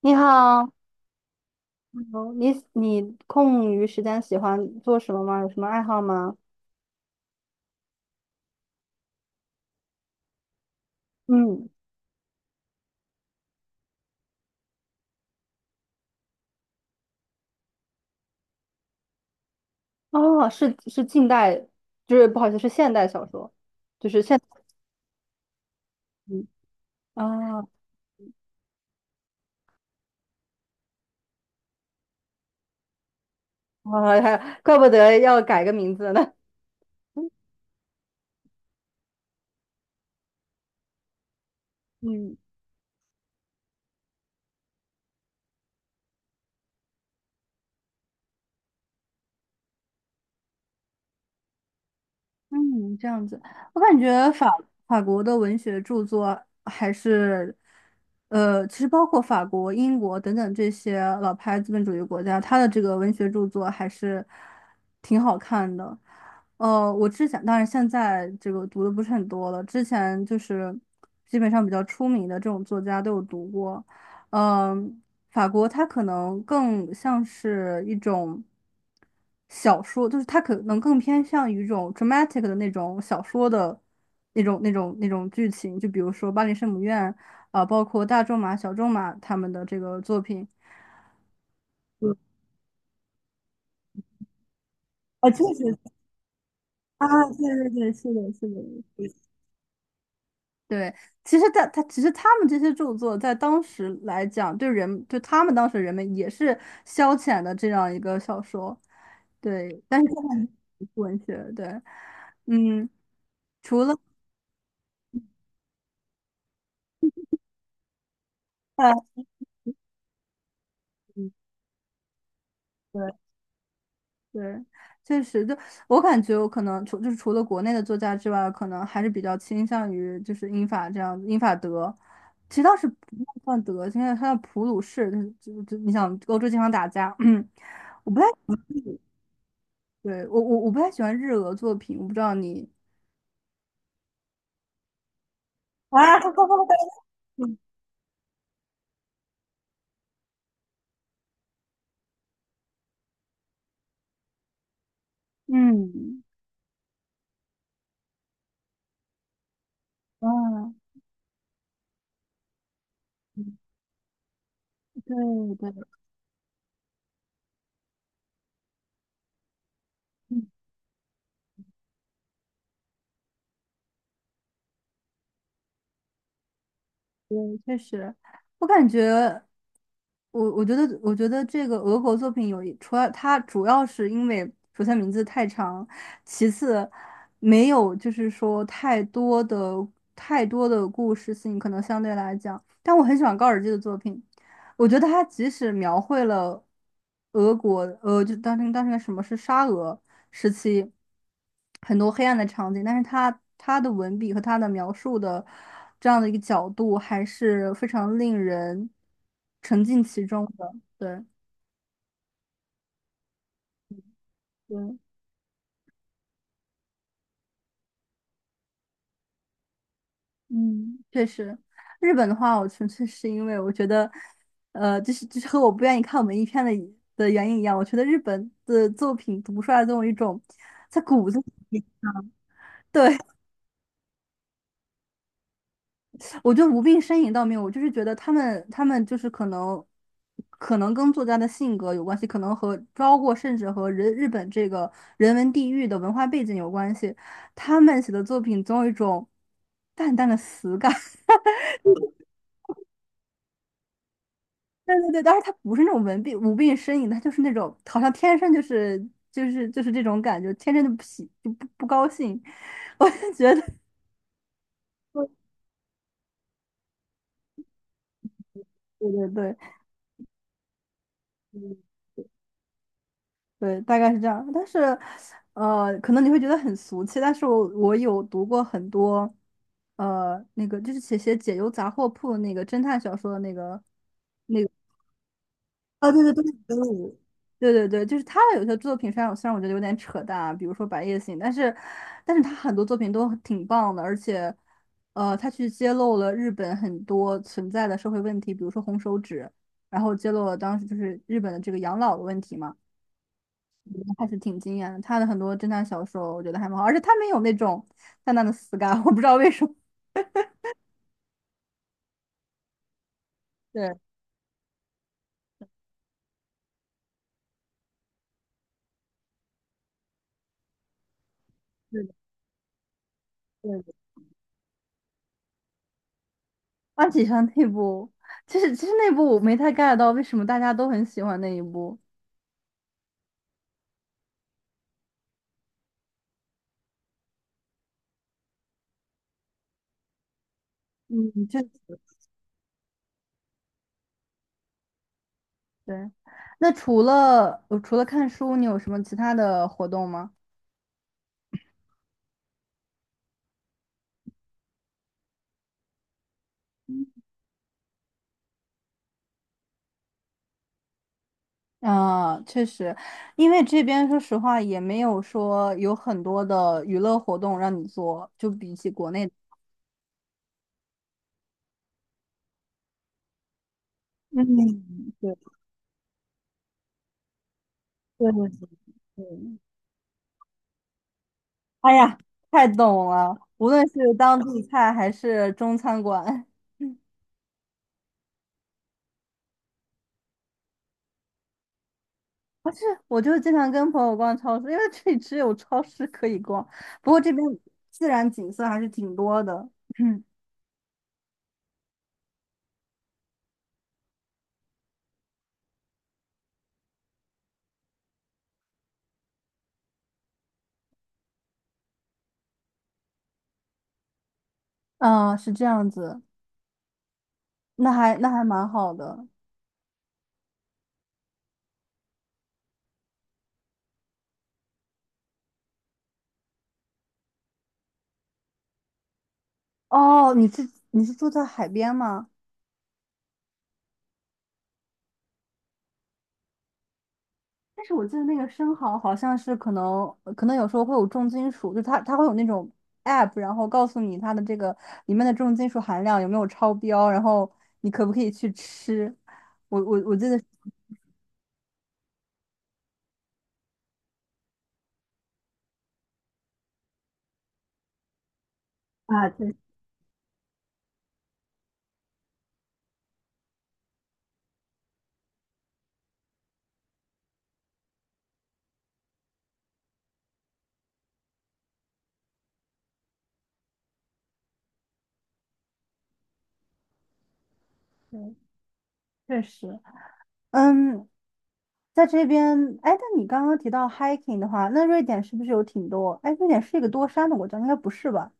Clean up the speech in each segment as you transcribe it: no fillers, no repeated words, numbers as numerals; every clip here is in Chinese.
你好，哦你空余时间喜欢做什么吗？有什么爱好吗？嗯，哦，是近代，就是不好意思，是现代小说，就是嗯啊，怪不得要改个名字呢。嗯嗯，这样子，我感觉法国的文学著作还是，其实包括法国、英国等等这些老牌资本主义国家，它的这个文学著作还是挺好看的。我之前当然现在这个读的不是很多了，之前就是基本上比较出名的这种作家都有读过，嗯、法国它可能更像是一种小说，就是它可能更偏向于一种 dramatic 的那种小说的那种剧情，就比如说《巴黎圣母院》啊、包括大仲马、小仲马他们的这个作品。啊，确实啊，对对对，是的，是的，对，其实他其实他们这些著作在当时来讲，对人对他们当时人们也是消遣的这样一个小说。对，但是。文学，对，嗯，啊，嗯对对，确实，就我感觉，我可能除就是除了国内的作家之外，可能还是比较倾向于就是英法这样子，英法德，其实倒是不算德，现在他的普鲁士，就是你想欧洲经常打架，嗯，我不太，对，我不太喜欢日俄作品，我不知道你啊，嗯嗯啊，对对。嗯对，确实，我感觉，我我觉得，我觉得这个俄国作品除了它主要是因为首先名字太长，其次没有就是说太多的故事性，可能相对来讲，但我很喜欢高尔基的作品，我觉得他即使描绘了俄国，就当时那个什么是沙俄时期很多黑暗的场景，但是他的文笔和他的描述的这样的一个角度，还是非常令人沉浸其中的。对，对，嗯，确实，日本的话，我纯粹是因为我觉得，就是和我不愿意看文艺片的的原因一样，我觉得日本的作品读出来总有一种。对，我觉得无病呻吟倒没有，我就是觉得他们就是可能，可能跟作家的性格有关系，可能和包括甚至和人日本这个人文地域的文化背景有关系。他们写的作品总有一种淡淡的死感。对对对，当然他不是那种文病无病呻吟，他就是那种好像天生就是就是这种感觉，天生就不喜就不不高兴。我就觉得，对对对。对，大概是这样。但是，可能你会觉得很俗气，但是我有读过很多，那个就是写解忧杂货铺那个侦探小说的那个，那个，哦，对对对对对对对对就是他的有些作品虽然我觉得有点扯淡啊，比如说《白夜行》，但是但是他很多作品都挺棒的，而且，他去揭露了日本很多存在的社会问题，比如说红手指，然后揭露了当时就是日本的这个养老的问题嘛。还是挺惊艳的。他的很多侦探小说，我觉得还蛮好，而且他没有那种 淡淡的死感，我不知道为什么。对，对的，对的，安启山那部，其实那部我没太 get 到为什么大家都很喜欢那一部。嗯，确实。对，那除了除了看书，你有什么其他的活动吗？啊，确实，因为这边说实话也没有说有很多的娱乐活动让你做，就比起国内，嗯，对，对对对。嗯哎呀，太懂了！无论是当地菜还是中餐馆，不是，我就是经常跟朋友逛超市，因为这里只有超市可以逛。不过这边自然景色还是挺多的。嗯，嗯，是这样子，那还蛮好的。哦，你是住在海边吗？但是我记得那个生蚝好像是可能可能有时候会有重金属，就它会有那种 app，然后告诉你它的这个里面的重金属含量有没有超标，然后你可不可以去吃。我记得是啊，实确实，嗯，在这边，哎，但你刚刚提到 hiking 的话，那瑞典是不是有挺多？哎，瑞典是一个多山的国家，应该不是吧？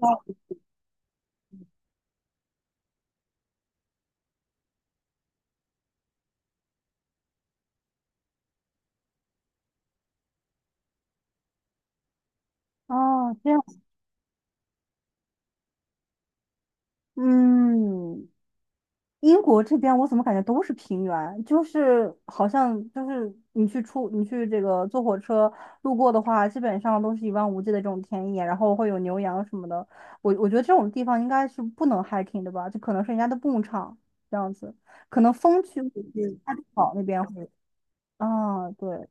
哦，哦这样，嗯，英国这边我怎么感觉都是平原，就是好像就是你去这个坐火车路过的话，基本上都是一望无际的这种田野，然后会有牛羊什么的。我觉得这种地方应该是不能 hiking 的吧，就可能是人家的牧场这样子，可能风区估计太草那边会啊，对，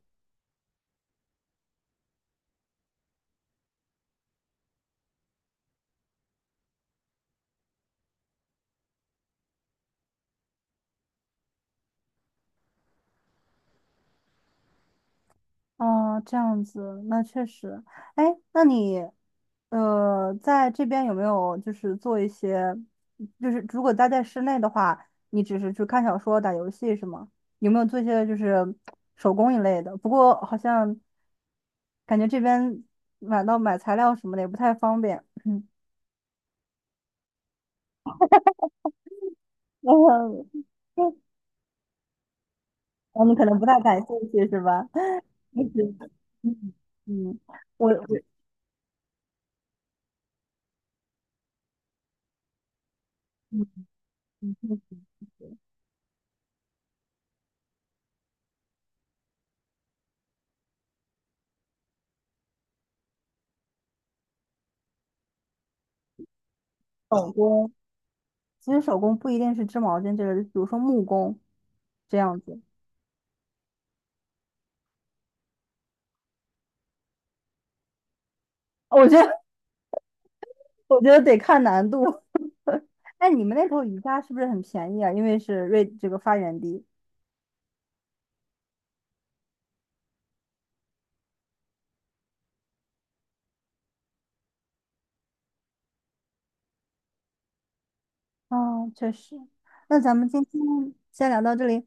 哦，这样子，那确实。哎，那你，在这边有没有就是做一些，就是如果待在室内的话，你只是去看小说、打游戏是吗？有没有做一些就是手工一类的？不过好像感觉这边买材料什么的也不太方便。嗯，我们可能不太感兴趣是吧？嗯嗯，我嗯嗯。手工。其实手工不一定是织毛巾这个，比如说木工这样子，我觉得我觉得得看难度。哎，你们那头瑜伽是不是很便宜啊？因为是瑞这个发源地。哦，确实。那咱们今天先聊到这里。